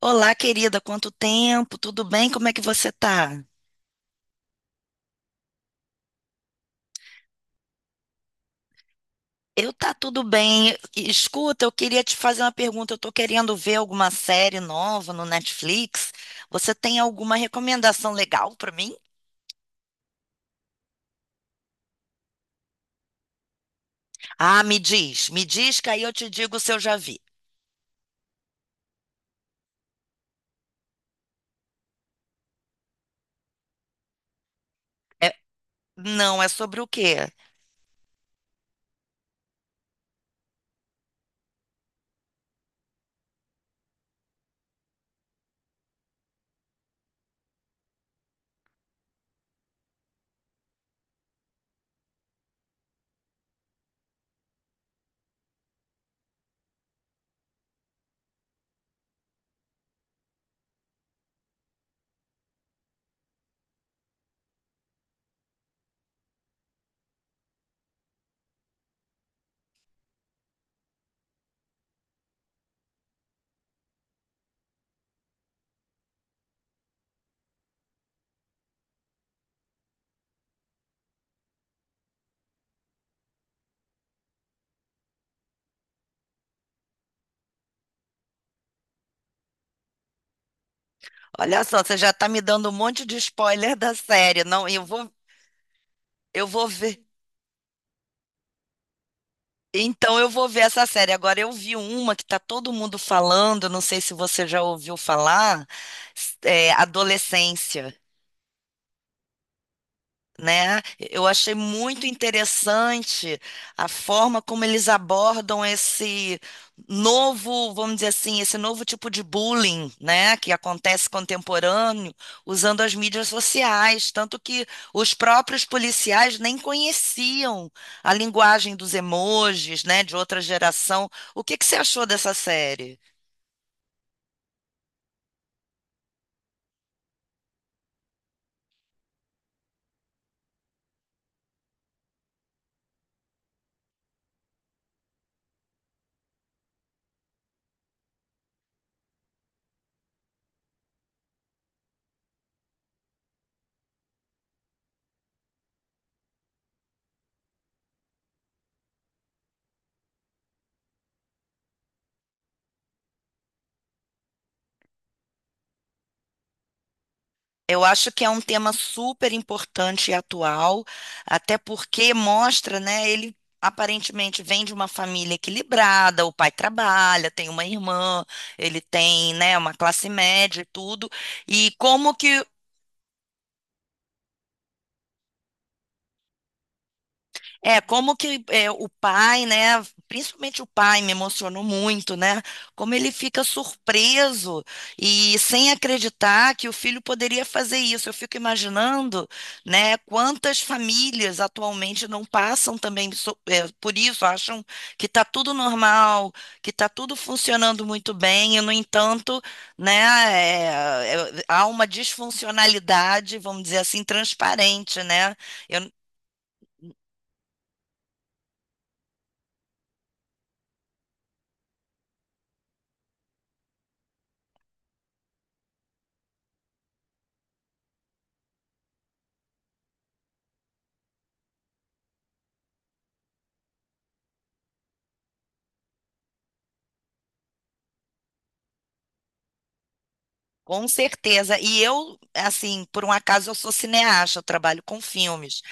Olá, querida, quanto tempo? Tudo bem? Como é que você tá? Eu tá tudo bem. Escuta, eu queria te fazer uma pergunta. Eu tô querendo ver alguma série nova no Netflix. Você tem alguma recomendação legal pra mim? Ah, me diz que aí eu te digo se eu já vi. É- não, é sobre o quê? Olha só, você já tá me dando um monte de spoiler da série. Não, eu vou ver. Então eu vou ver essa série. Agora eu vi uma que tá todo mundo falando, não sei se você já ouviu falar, é Adolescência, né? Eu achei muito interessante a forma como eles abordam esse novo, vamos dizer assim, esse novo tipo de bullying, né, que acontece contemporâneo, usando as mídias sociais, tanto que os próprios policiais nem conheciam a linguagem dos emojis, né, de outra geração. O que que você achou dessa série? Eu acho que é um tema super importante e atual, até porque mostra, né? Ele aparentemente vem de uma família equilibrada, o pai trabalha, tem uma irmã, ele tem, né, uma classe média e tudo, e como que é, como que é, o pai, né? Principalmente o pai me emocionou muito, né? Como ele fica surpreso e sem acreditar que o filho poderia fazer isso. Eu fico imaginando, né? Quantas famílias atualmente não passam também por isso, acham que está tudo normal, que está tudo funcionando muito bem, e no entanto, né? Há uma disfuncionalidade, vamos dizer assim, transparente, né? Eu, Com certeza. E eu, assim, por um acaso eu sou cineasta, eu trabalho com filmes.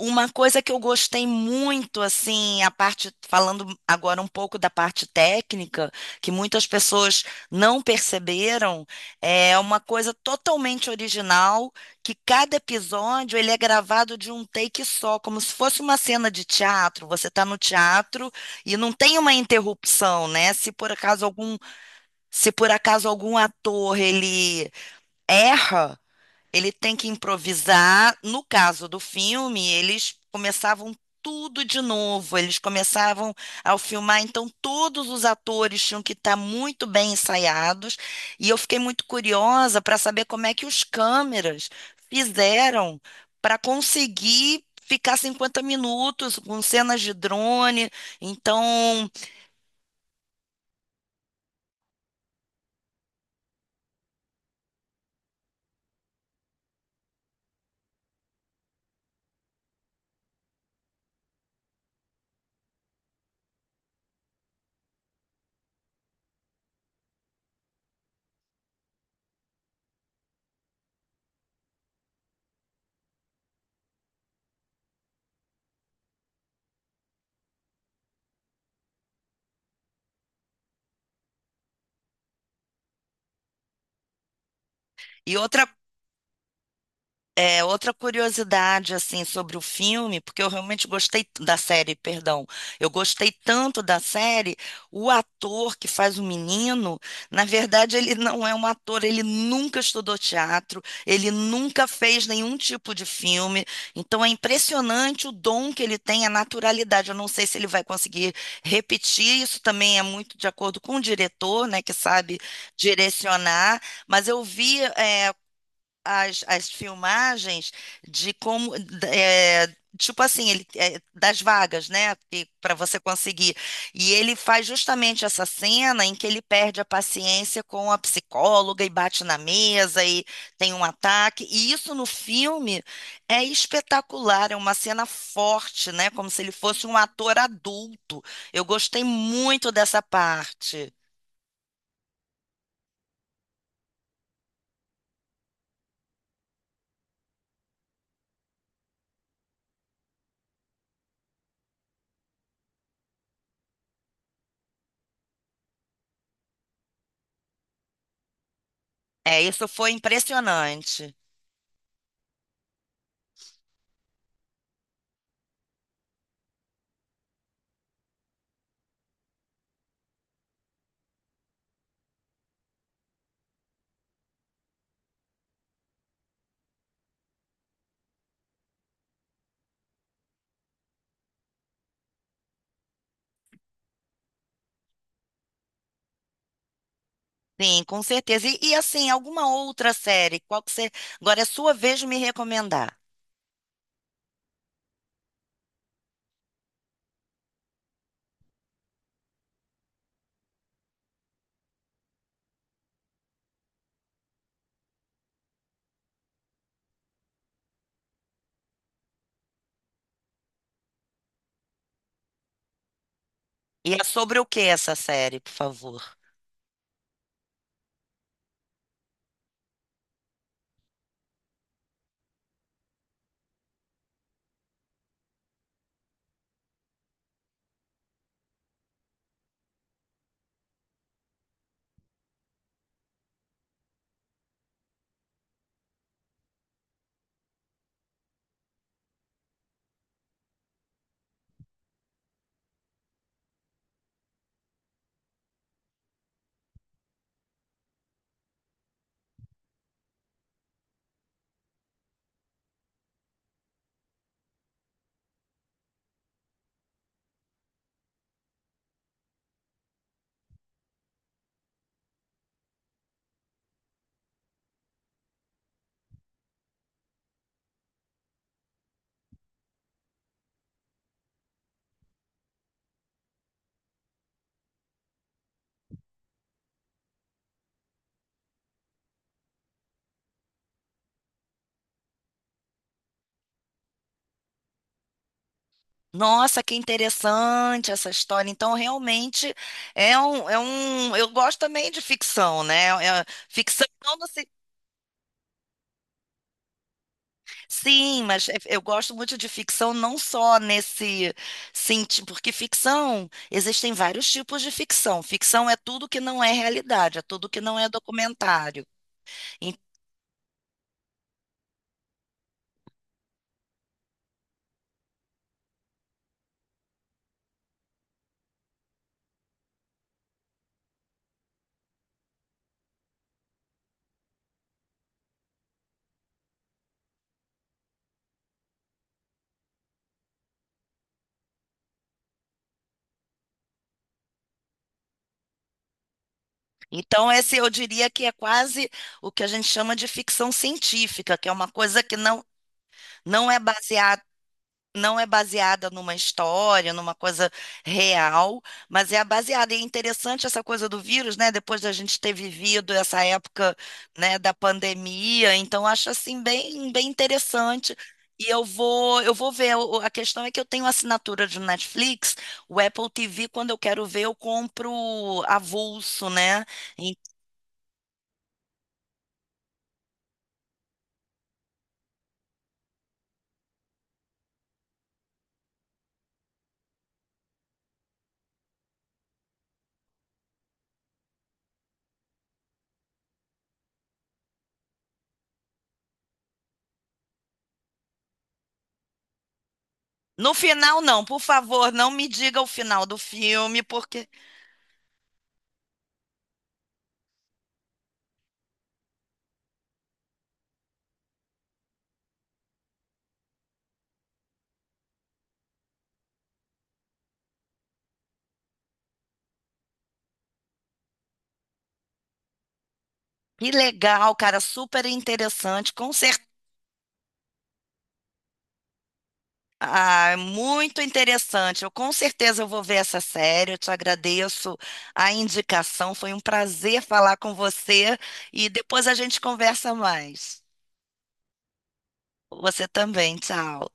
Uma coisa que eu gostei muito, assim, a parte, falando agora um pouco da parte técnica, que muitas pessoas não perceberam, é uma coisa totalmente original, que cada episódio ele é gravado de um take só, como se fosse uma cena de teatro. Você está no teatro e não tem uma interrupção, né? Se por acaso algum ator ele erra, ele tem que improvisar. No caso do filme, eles começavam tudo de novo, eles começavam ao filmar, então todos os atores tinham que estar muito bem ensaiados, e eu fiquei muito curiosa para saber como é que os câmeras fizeram para conseguir ficar 50 minutos com cenas de drone. Então, e outra outra curiosidade assim sobre o filme, porque eu realmente gostei da série, perdão. Eu gostei tanto da série, o ator que faz o menino, na verdade ele não é um ator, ele nunca estudou teatro, ele nunca fez nenhum tipo de filme. Então é impressionante o dom que ele tem, a naturalidade. Eu não sei se ele vai conseguir repetir, isso também é muito de acordo com o diretor, né, que sabe direcionar, mas eu vi é, as filmagens de como é, tipo assim ele é, das vagas, né, para você conseguir, e ele faz justamente essa cena em que ele perde a paciência com a psicóloga e bate na mesa e tem um ataque, e isso no filme é espetacular, é uma cena forte, né, como se ele fosse um ator adulto. Eu gostei muito dessa parte, é, isso foi impressionante. Sim, com certeza. E, assim, alguma outra série? Qual que você. Agora é sua vez de me recomendar. E é sobre o que essa série, por favor? Nossa, que interessante essa história. Então, realmente é um. Eu gosto também de ficção, né? Ficção não no sim, mas é, eu gosto muito de ficção não só nesse sentido, porque ficção existem vários tipos de ficção. Ficção é tudo que não é realidade, é tudo que não é documentário. Então, esse eu diria que é quase o que a gente chama de ficção científica, que é uma coisa que não, não é baseada, não é baseada numa história, numa coisa real, mas é baseada. E é interessante essa coisa do vírus, né? Depois da gente ter vivido essa época, né, da pandemia, então acho assim bem, bem interessante. E eu vou ver. O- A questão é que eu tenho assinatura de Netflix, o Apple TV, quando eu quero ver, eu compro avulso, né? No final, não, por favor, não me diga o final do filme, porque que legal, cara, super interessante, com certeza. Ah, muito interessante. Eu com certeza eu vou ver essa série. Eu te agradeço a indicação. Foi um prazer falar com você e depois a gente conversa mais. Você também, tchau.